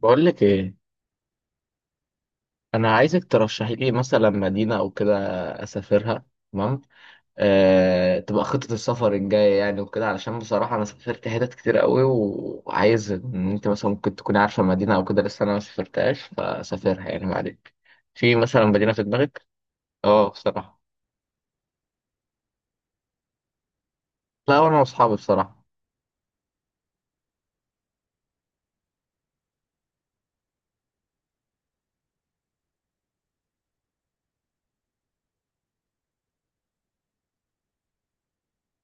بقول لك ايه. انا عايزك ترشحي لي مثلا مدينه او كده اسافرها. تمام. تبقى خطه السفر الجايه يعني وكده، علشان بصراحه انا سافرت حتت كتير قوي وعايز ان انت مثلا ممكن تكوني عارفه مدينه او كده لسه انا ما سافرتهاش فسافرها يعني معلك. في مثلا مدينه في دماغك؟ اه بصراحه. لا، وانا واصحابي بصراحه.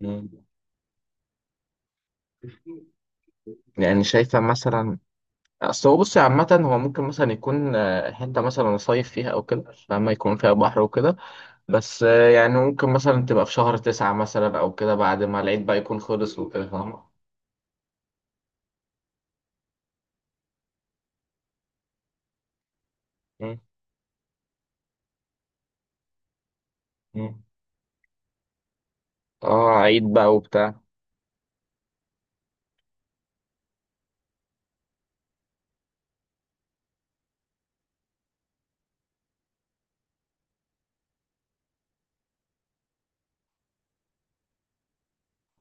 مم. يعني شايفه مثلا، اصل هو بصي عامه هو ممكن مثلا يكون حته مثلا صيف فيها او كده، فاما يكون فيها بحر وكده. بس يعني ممكن مثلا تبقى في شهر تسعة مثلا أو كده، بعد ما العيد بقى يكون خلص وكده، فاهمة؟ مم. مم. اه عيد بقى وبتاع.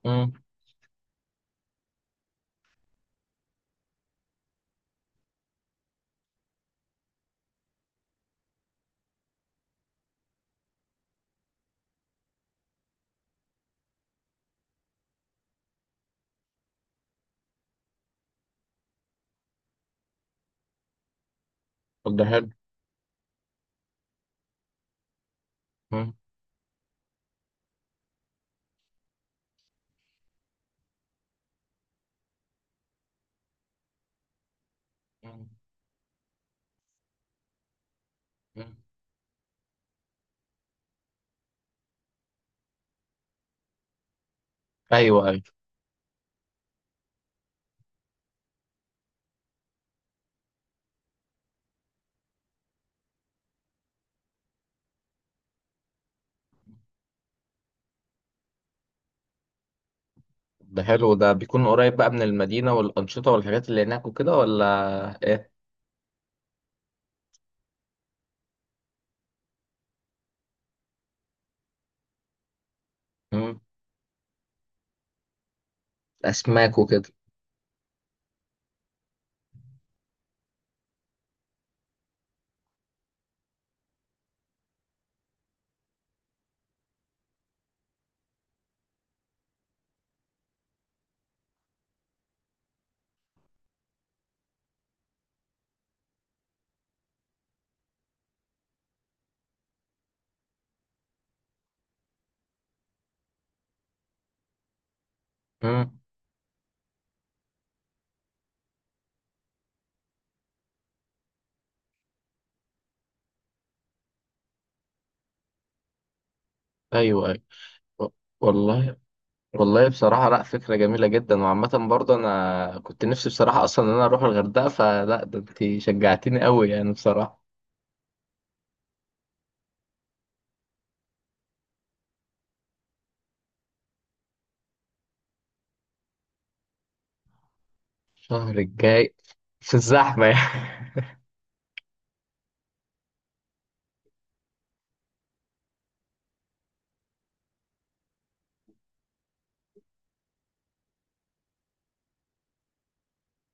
مم. طب ده حلو. مم. مم. مم. أيوه أيوه. ده حلو ده، بيكون قريب بقى من المدينة والأنشطة والحاجات اللي هناك وكده، ولا إيه؟ مم. أسماك وكده. مم. أيوه أيوه. و- والله. والله بصراحة لأ، فكرة جميلة جدا. وعامة برضه أنا كنت نفسي بصراحة أصلا إن أنا أروح الغردقة، فلأ ده أنت شجعتني أوي يعني بصراحة. الشهر الجاي؟ في الزحمة يعني؟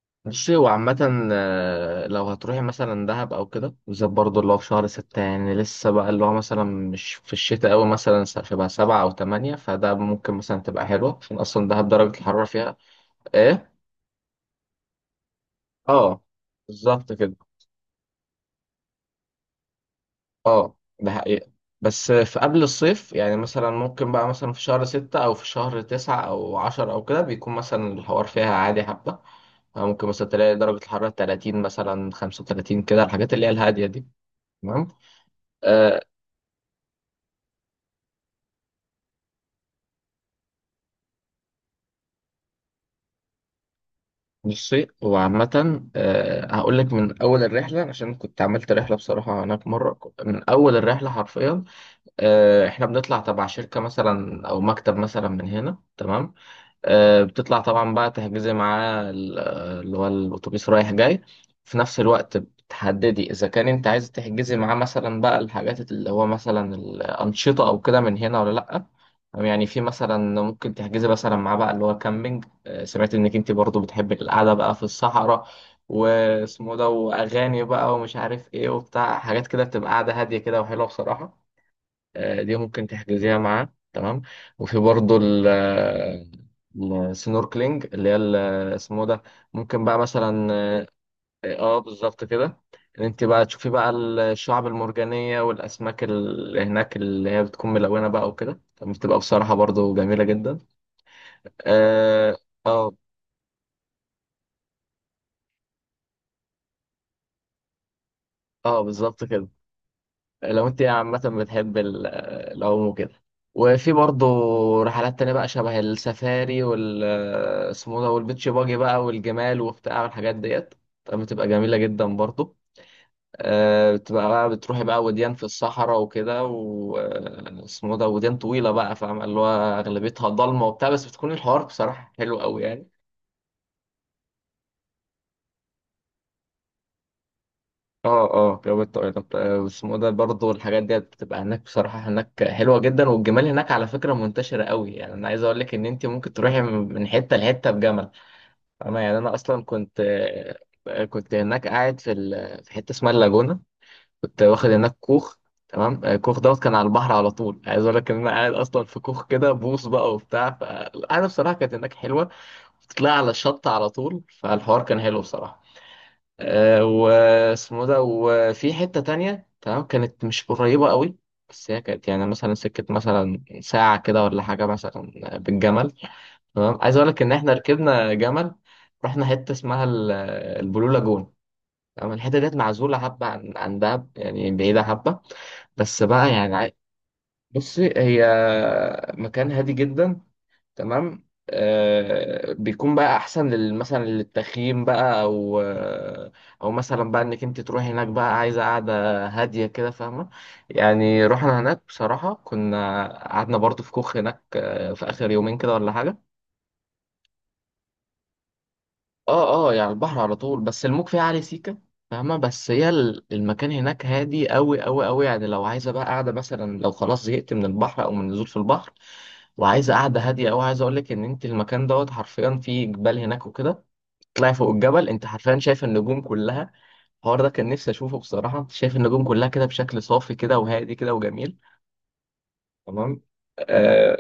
بصي هو عامة لو هتروحي مثلا دهب أو كده بالذات، برضه اللي هو في شهر ستة يعني لسه بقى اللي هو مثلا مش في الشتاء أوي، مثلا شبه سبعة أو تمانية، فده ممكن مثلا تبقى حلوة عشان أصلا دهب درجة الحرارة فيها. إيه؟ آه بالظبط كده. آه ده حقيقة. بس في قبل الصيف يعني، مثلا ممكن بقى مثلا في شهر ستة أو في شهر تسعة أو عشرة أو كده، بيكون مثلا الحوار فيها عادي حبة. أو ممكن مثلا تلاقي درجة الحرارة 30 مثلا 35 كده، الحاجات اللي هي الهادية دي. تمام. آه بصي هو عامة، آه هقول لك من أول الرحلة عشان كنت عملت رحلة بصراحة هناك مرة. من أول الرحلة حرفيا، آه إحنا بنطلع تبع شركة مثلا أو مكتب مثلا من هنا، تمام. بتطلع طبعا بقى تحجزي معاه اللي هو الأتوبيس رايح جاي. في نفس الوقت بتحددي إذا كان أنت عايز تحجزي معاه مثلا بقى الحاجات اللي هو مثلا الأنشطة أو كده من هنا ولا لأ. أو يعني في مثلا ممكن تحجزي مثلا معاه بقى اللي هو كامبينج. سمعت إنك أنت برضو بتحبي القعدة بقى في الصحراء، واسمه ده، وأغاني بقى ومش عارف إيه وبتاع، حاجات كده بتبقى قاعدة هادية كده وحلوة بصراحة. دي ممكن تحجزيها معاه، تمام. وفي برضه ال السنوركلينج، اللي هي اسمه ده، ممكن بقى مثلا. اه. آه، بالظبط كده. ان انت بقى تشوفي بقى الشعب المرجانية والاسماك اللي هناك، اللي هي بتكون ملونة بقى وكده، فبتبقى بصراحة برضه جميلة جدا. اه اه. آه، بالظبط كده. لو انت عامة بتحب العوم وكده. وفي برضه رحلات تانية بقى شبه السفاري وال اسمه ده والبيتش باجي بقى والجمال وبتاع والحاجات ديت، طب بتبقى جميلة جدا برضه. بتبقى بقى بتروحي بقى وديان في الصحراء وكده، واسمه ده، وديان طويلة بقى فاهمة اللي هو، أغلبيتها ضلمة وبتاع، بس بتكون الحوار بصراحة حلو قوي يعني. اه اه جواب الطائرة، اسمه ده برضه الحاجات ديت بتبقى هناك بصراحة. هناك حلوة جدا، والجمال هناك على فكرة منتشرة قوي يعني. أنا عايز أقول لك إن أنت ممكن تروحي من حتة لحتة بجمل. أنا يعني أنا أصلا كنت كنت هناك قاعد في في حتة اسمها اللاجونة، كنت واخد هناك كوخ. تمام. الكوخ دوت كان على البحر على طول. عايز أقول لك إن أنا قاعد أصلا في كوخ كده بوص بقى وبتاع، فالقعدة بصراحة كانت هناك حلوة. بتطلع على الشط على طول، فالحوار كان حلو بصراحة. واسمه ده. وفي حتة تانية تمام، كانت مش قريبة قوي، بس هي كانت يعني مثلا سكة مثلا ساعة كده ولا حاجة، مثلا بالجمل. تمام. عايز أقول لك إن إحنا ركبنا جمل، رحنا حتة اسمها البلو لاجون. تمام. الحتة ديت معزولة حبة عن عن دهب يعني، بعيدة حبة. بس بقى يعني بصي هي مكان هادي جدا، تمام. آه بيكون بقى احسن مثلا للتخييم بقى، او او مثلا بقى انك انت تروحي هناك بقى عايزه قاعده هاديه كده، فاهمه. يعني رحنا هناك بصراحه كنا قعدنا برضو في كوخ هناك، في اخر يومين كده ولا حاجه. اه اه يعني البحر على طول، بس الموج فيه عالي سيكا، فاهمة. بس هي المكان هناك هادي أوي أوي أوي يعني. لو عايزة بقى قاعدة مثلا، لو خلاص زهقت من البحر أو من النزول في البحر وعايزة قاعدة هادية أوي، عايز أقولك إن أنت المكان دوت حرفيا فيه جبال هناك وكده، تطلعي فوق الجبل أنت حرفيا شايفة النجوم كلها. الحوار ده كان نفسي أشوفه بصراحة. أنت شايف النجوم كلها كده بشكل صافي كده وهادي كده وجميل. تمام. آه،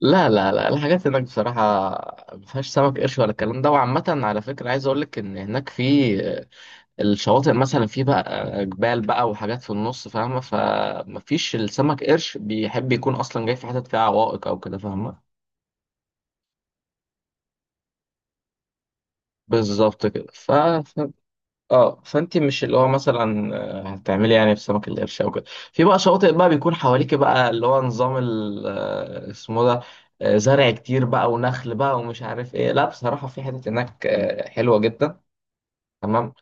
لا لا لا، الحاجات هناك بصراحة ما فيهاش سمك قرش ولا الكلام ده. وعامة على فكرة عايز أقول لك إن هناك في الشواطئ مثلا في بقى جبال بقى وحاجات في النص فاهمة، فما فيش السمك قرش بيحب يكون أصلا جاي في حتت فيها عوائق أو كده، فاهمة. بالظبط كده اه فانت مش اللي هو مثلا هتعملي يعني في سمك القرش او كده. في بقى شواطئ بقى بيكون حواليك بقى اللي هو نظام اسمه ده، زرع كتير بقى ونخل بقى ومش عارف ايه، لا بصراحة في حتت هناك حلوة جدا، تمام.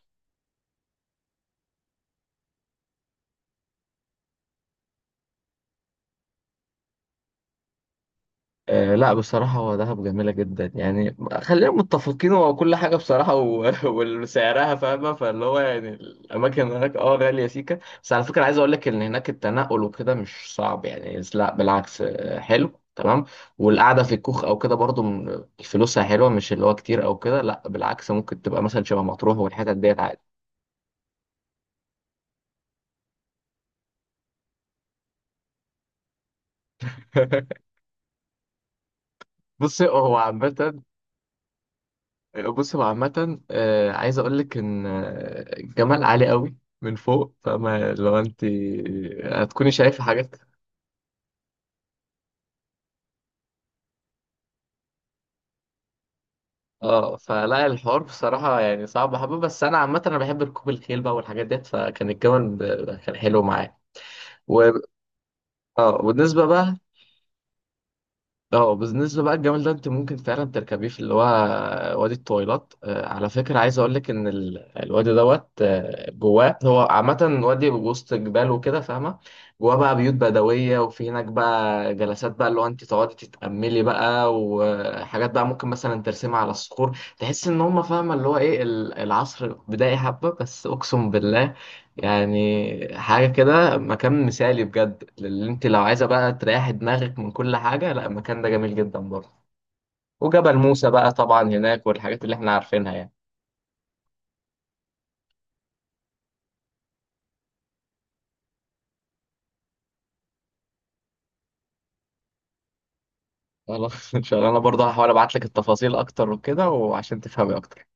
آه لا بصراحة هو دهب جميلة جدا يعني. خلينا متفقين هو كل حاجة بصراحة وسعرها فاهمة. فاللي هو يعني الأماكن هناك اه غالية سيكة، بس على فكرة عايز أقول لك إن هناك التنقل وكده مش صعب يعني، لا بالعكس، حلو تمام. والقعدة في الكوخ أو كده برضو فلوسها حلوة، مش اللي هو كتير أو كده، لا بالعكس، ممكن تبقى مثلا شبه مطروح والحتت ديت عادي. بص هو عامة، عايز اقول لك ان الجمال عالي قوي من فوق، فما لو انت هتكوني شايفة حاجات. اه فلا الحوار بصراحة يعني صعب حبة، بس انا عامة انا بحب ركوب الخيل بقى والحاجات ديت، فكان الجمل كان حلو معايا. و... اه وبالنسبة بقى، اه بالنسبة بقى الجمل ده انت ممكن فعلا تركبيه في اللي هو وادي الطويلات. على فكرة عايز اقول لك ان الوادي دوت جواه هو عامة وادي وسط جبال وكده فاهمة، جواه بقى بيوت بدوية، وفي هناك بقى جلسات بقى اللي هو انت تقعدي تتأملي بقى، وحاجات بقى ممكن مثلا ترسمها على الصخور تحس ان هم فاهمة اللي هو ايه العصر بدائي حبة، بس اقسم بالله يعني حاجة كده مكان مثالي بجد. اللي انت لو عايزة بقى تريحي دماغك من كل حاجة، لا المكان ده جميل جدا برضه. وجبل موسى بقى طبعا هناك والحاجات اللي احنا عارفينها يعني. خلاص ان شاء الله. انا برضه هحاول ابعت لك التفاصيل اكتر وكده وعشان تفهمي اكتر.